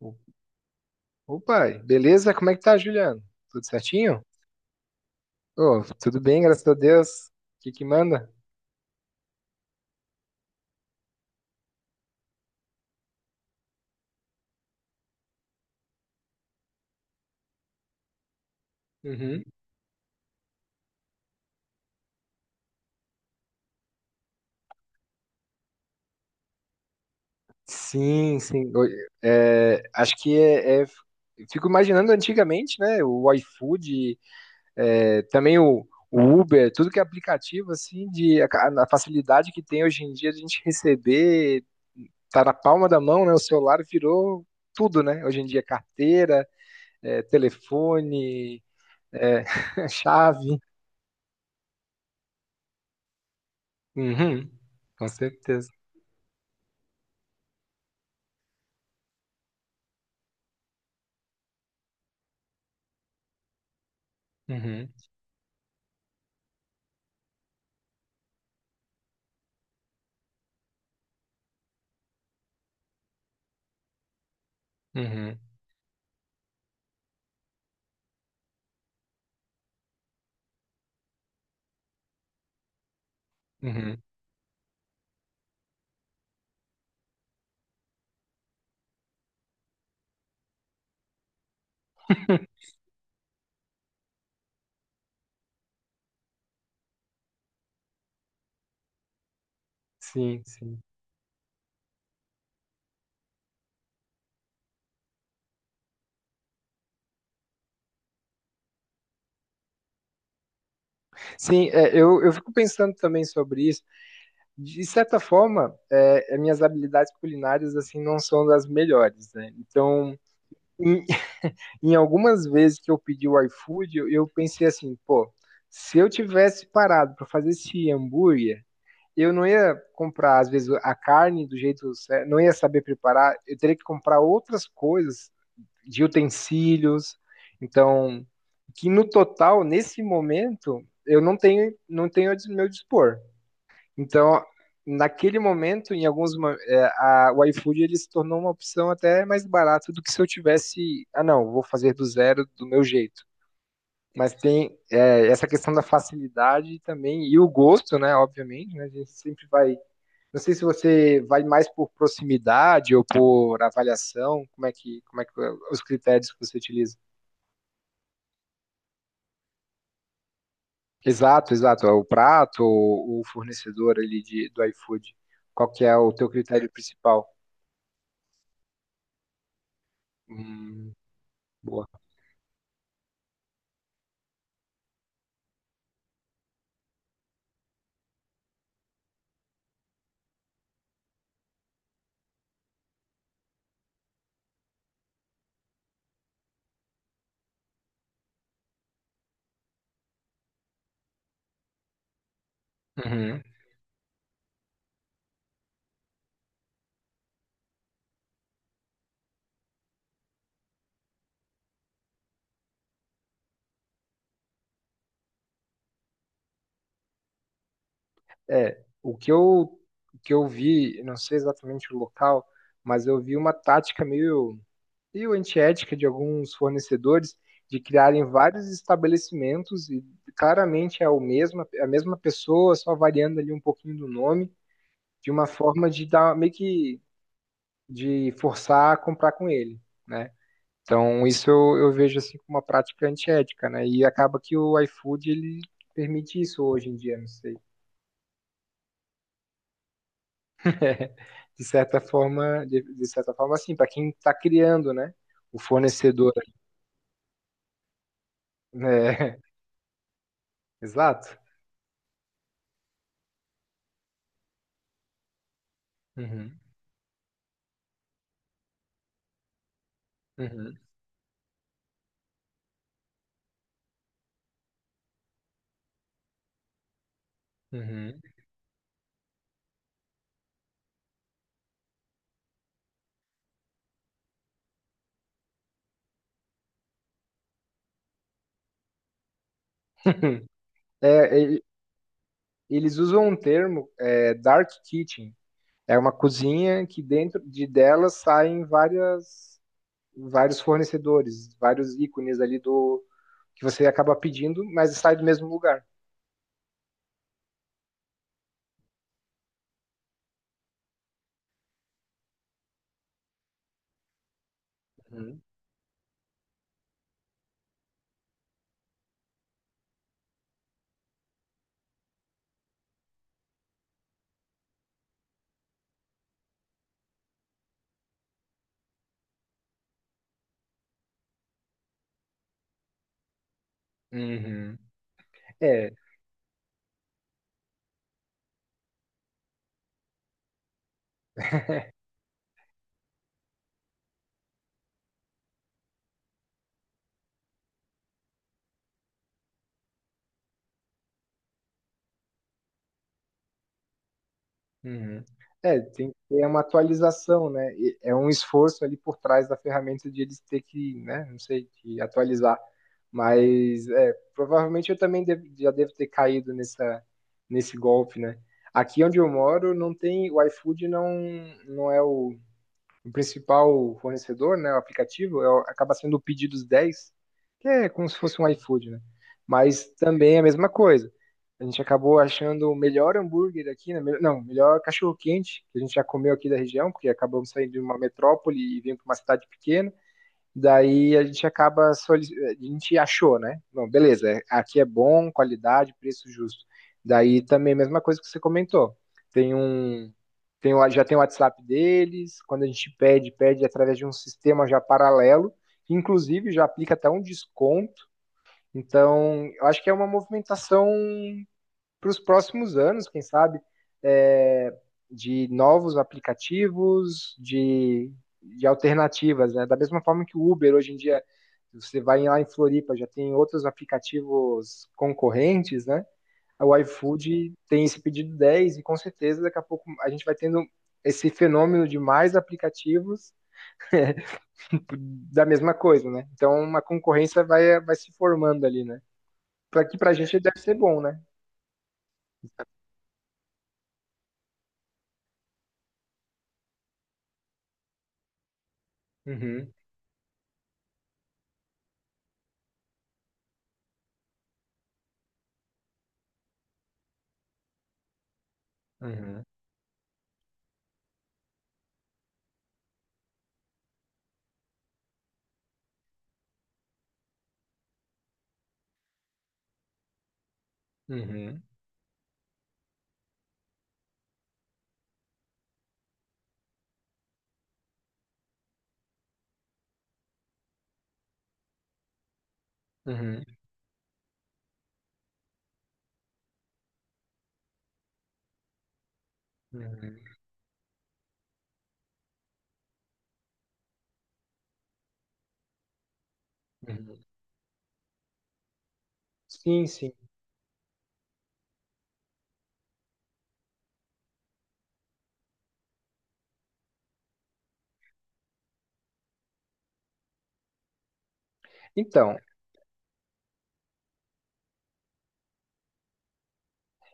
Ô pai, beleza? Como é que tá, Juliano? Tudo certinho? Ô, tudo bem, graças a Deus. O que que manda? Uhum. Sim, sim. Oi, acho que é. Fico imaginando antigamente, né? O iFood, é, também o Uber, tudo que é aplicativo, assim, a facilidade que tem hoje em dia de a gente receber, tá na palma da mão, né? O celular virou tudo, né? Hoje em dia, carteira, telefone, é, chave. Uhum, com certeza. Uhum, uhum, uhum. Sim, sim. Sim, eu fico pensando também sobre isso. De certa forma, as minhas habilidades culinárias assim não são das melhores, né? Então, em, em algumas vezes que eu pedi o iFood, eu pensei assim, pô, se eu tivesse parado para fazer esse hambúrguer, eu não ia comprar, às vezes, a carne do jeito certo, não ia saber preparar, eu teria que comprar outras coisas de utensílios. Então, que no total, nesse momento, eu não tenho meu dispor. Então, naquele momento, em alguns mo- é, a, o iFood ele se tornou uma opção até mais barata do que se eu tivesse, ah não, vou fazer do zero do meu jeito. Mas tem essa questão da facilidade também e o gosto, né? Obviamente, né, a gente sempre vai. Não sei se você vai mais por proximidade ou por avaliação. Como é que os critérios que você utiliza? Exato, exato. O prato, o fornecedor ali do iFood. Qual que é o teu critério principal? Hum, boa. Uhum. É, o que eu vi, não sei exatamente o local, mas eu vi uma tática meio antiética de alguns fornecedores de criarem vários estabelecimentos e claramente é o mesmo, a mesma pessoa, só variando ali um pouquinho do nome, de uma forma de dar meio que de forçar a comprar com ele, né? Então, isso eu vejo assim como uma prática antiética, né? E acaba que o iFood ele permite isso hoje em dia, não sei. De certa forma, de certa forma, assim, para quem está criando, né? O fornecedor, né? Exato. Uhum, uhum, uhum. É, eles usam um termo, dark kitchen. É uma cozinha que dentro de dela saem várias, vários fornecedores, vários ícones ali do que você acaba pedindo, mas sai do mesmo lugar. Uhum. Uhum. É, uhum. É, tem que ter uma atualização, né? E é um esforço ali por trás da ferramenta de eles ter que, né? Não sei, que atualizar. Mas é, provavelmente eu também já devo ter caído nessa, nesse golpe, né? Aqui onde eu moro não tem, o iFood não é o principal fornecedor, né, o aplicativo, é, acaba sendo o Pedidos 10, que é como se fosse um iFood, né? Mas também é a mesma coisa. A gente acabou achando o melhor hambúrguer aqui, né? Não, o melhor cachorro-quente que a gente já comeu aqui da região, porque acabamos saindo de uma metrópole e vindo para uma cidade pequena. Daí a gente acaba, a gente achou, né? Bom beleza, aqui é bom, qualidade, preço justo. Daí também, mesma coisa que você comentou. Tem um, tem, o- já tem o WhatsApp deles, quando a gente pede através de um sistema já paralelo, que inclusive já aplica até um desconto. Então, eu acho que é uma movimentação para os próximos anos, quem sabe, é, de novos aplicativos, de alternativas, né? Da mesma forma que o Uber hoje em dia, você vai lá em Floripa, já tem outros aplicativos concorrentes, né? O iFood tem esse pedido 10 e com certeza daqui a pouco a gente vai tendo esse fenômeno de mais aplicativos da mesma coisa, né? Então uma concorrência vai se formando ali, né? Para que para a gente deve ser bom, né? Uhum, uhum, uhum. Uhum, uhum, uhum. Sim, sim. Então,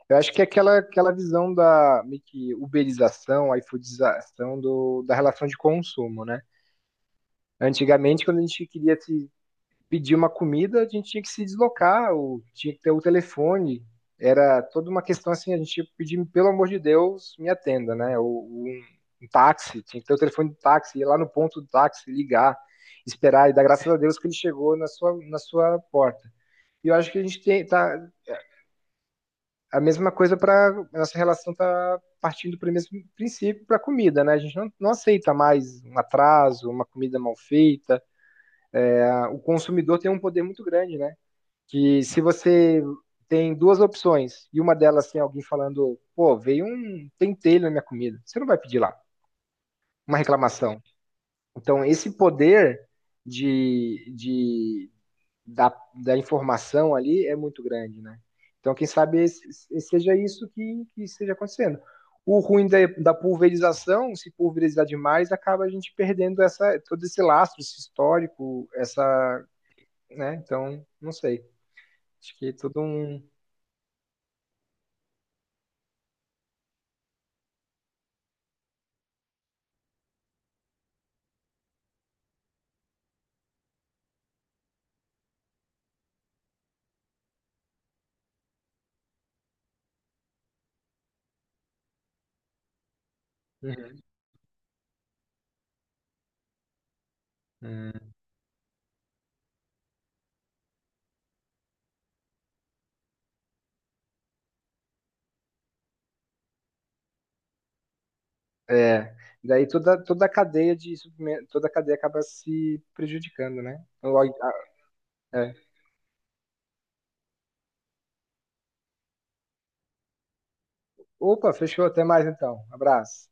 eu acho que é aquela visão da meio que uberização, iFoodização do, da relação de consumo, né? Antigamente, quando a gente queria se pedir uma comida, a gente tinha que se deslocar, ou tinha que ter o telefone. Era toda uma questão assim, a gente tinha que pedir, pelo amor de Deus, me atenda, né? Ou um táxi, tinha que ter o telefone do táxi, ir lá no ponto do táxi, ligar, esperar, e dar graças a Deus que ele chegou na sua porta. E eu acho que a gente tem tá a mesma coisa para nossa relação tá partindo para o mesmo princípio para a comida, né? A gente não aceita mais um atraso, uma comida mal feita. Ah, o consumidor tem um poder muito grande, né? Que se você tem duas opções e uma delas tem alguém falando, pô, veio um pentelho na minha comida, você não vai pedir lá uma reclamação. Então esse poder de, de da, da informação ali é muito grande, né? Então, quem sabe seja isso que esteja acontecendo. O ruim da pulverização, se pulverizar demais, acaba a gente perdendo essa, todo esse lastro, esse histórico, essa, né? Então, não sei. Acho que é todo um. Uhum. Hum. É, daí toda a cadeia acaba se prejudicando, né? Então, ah, é. Opa, fechou, até mais então. Abraço.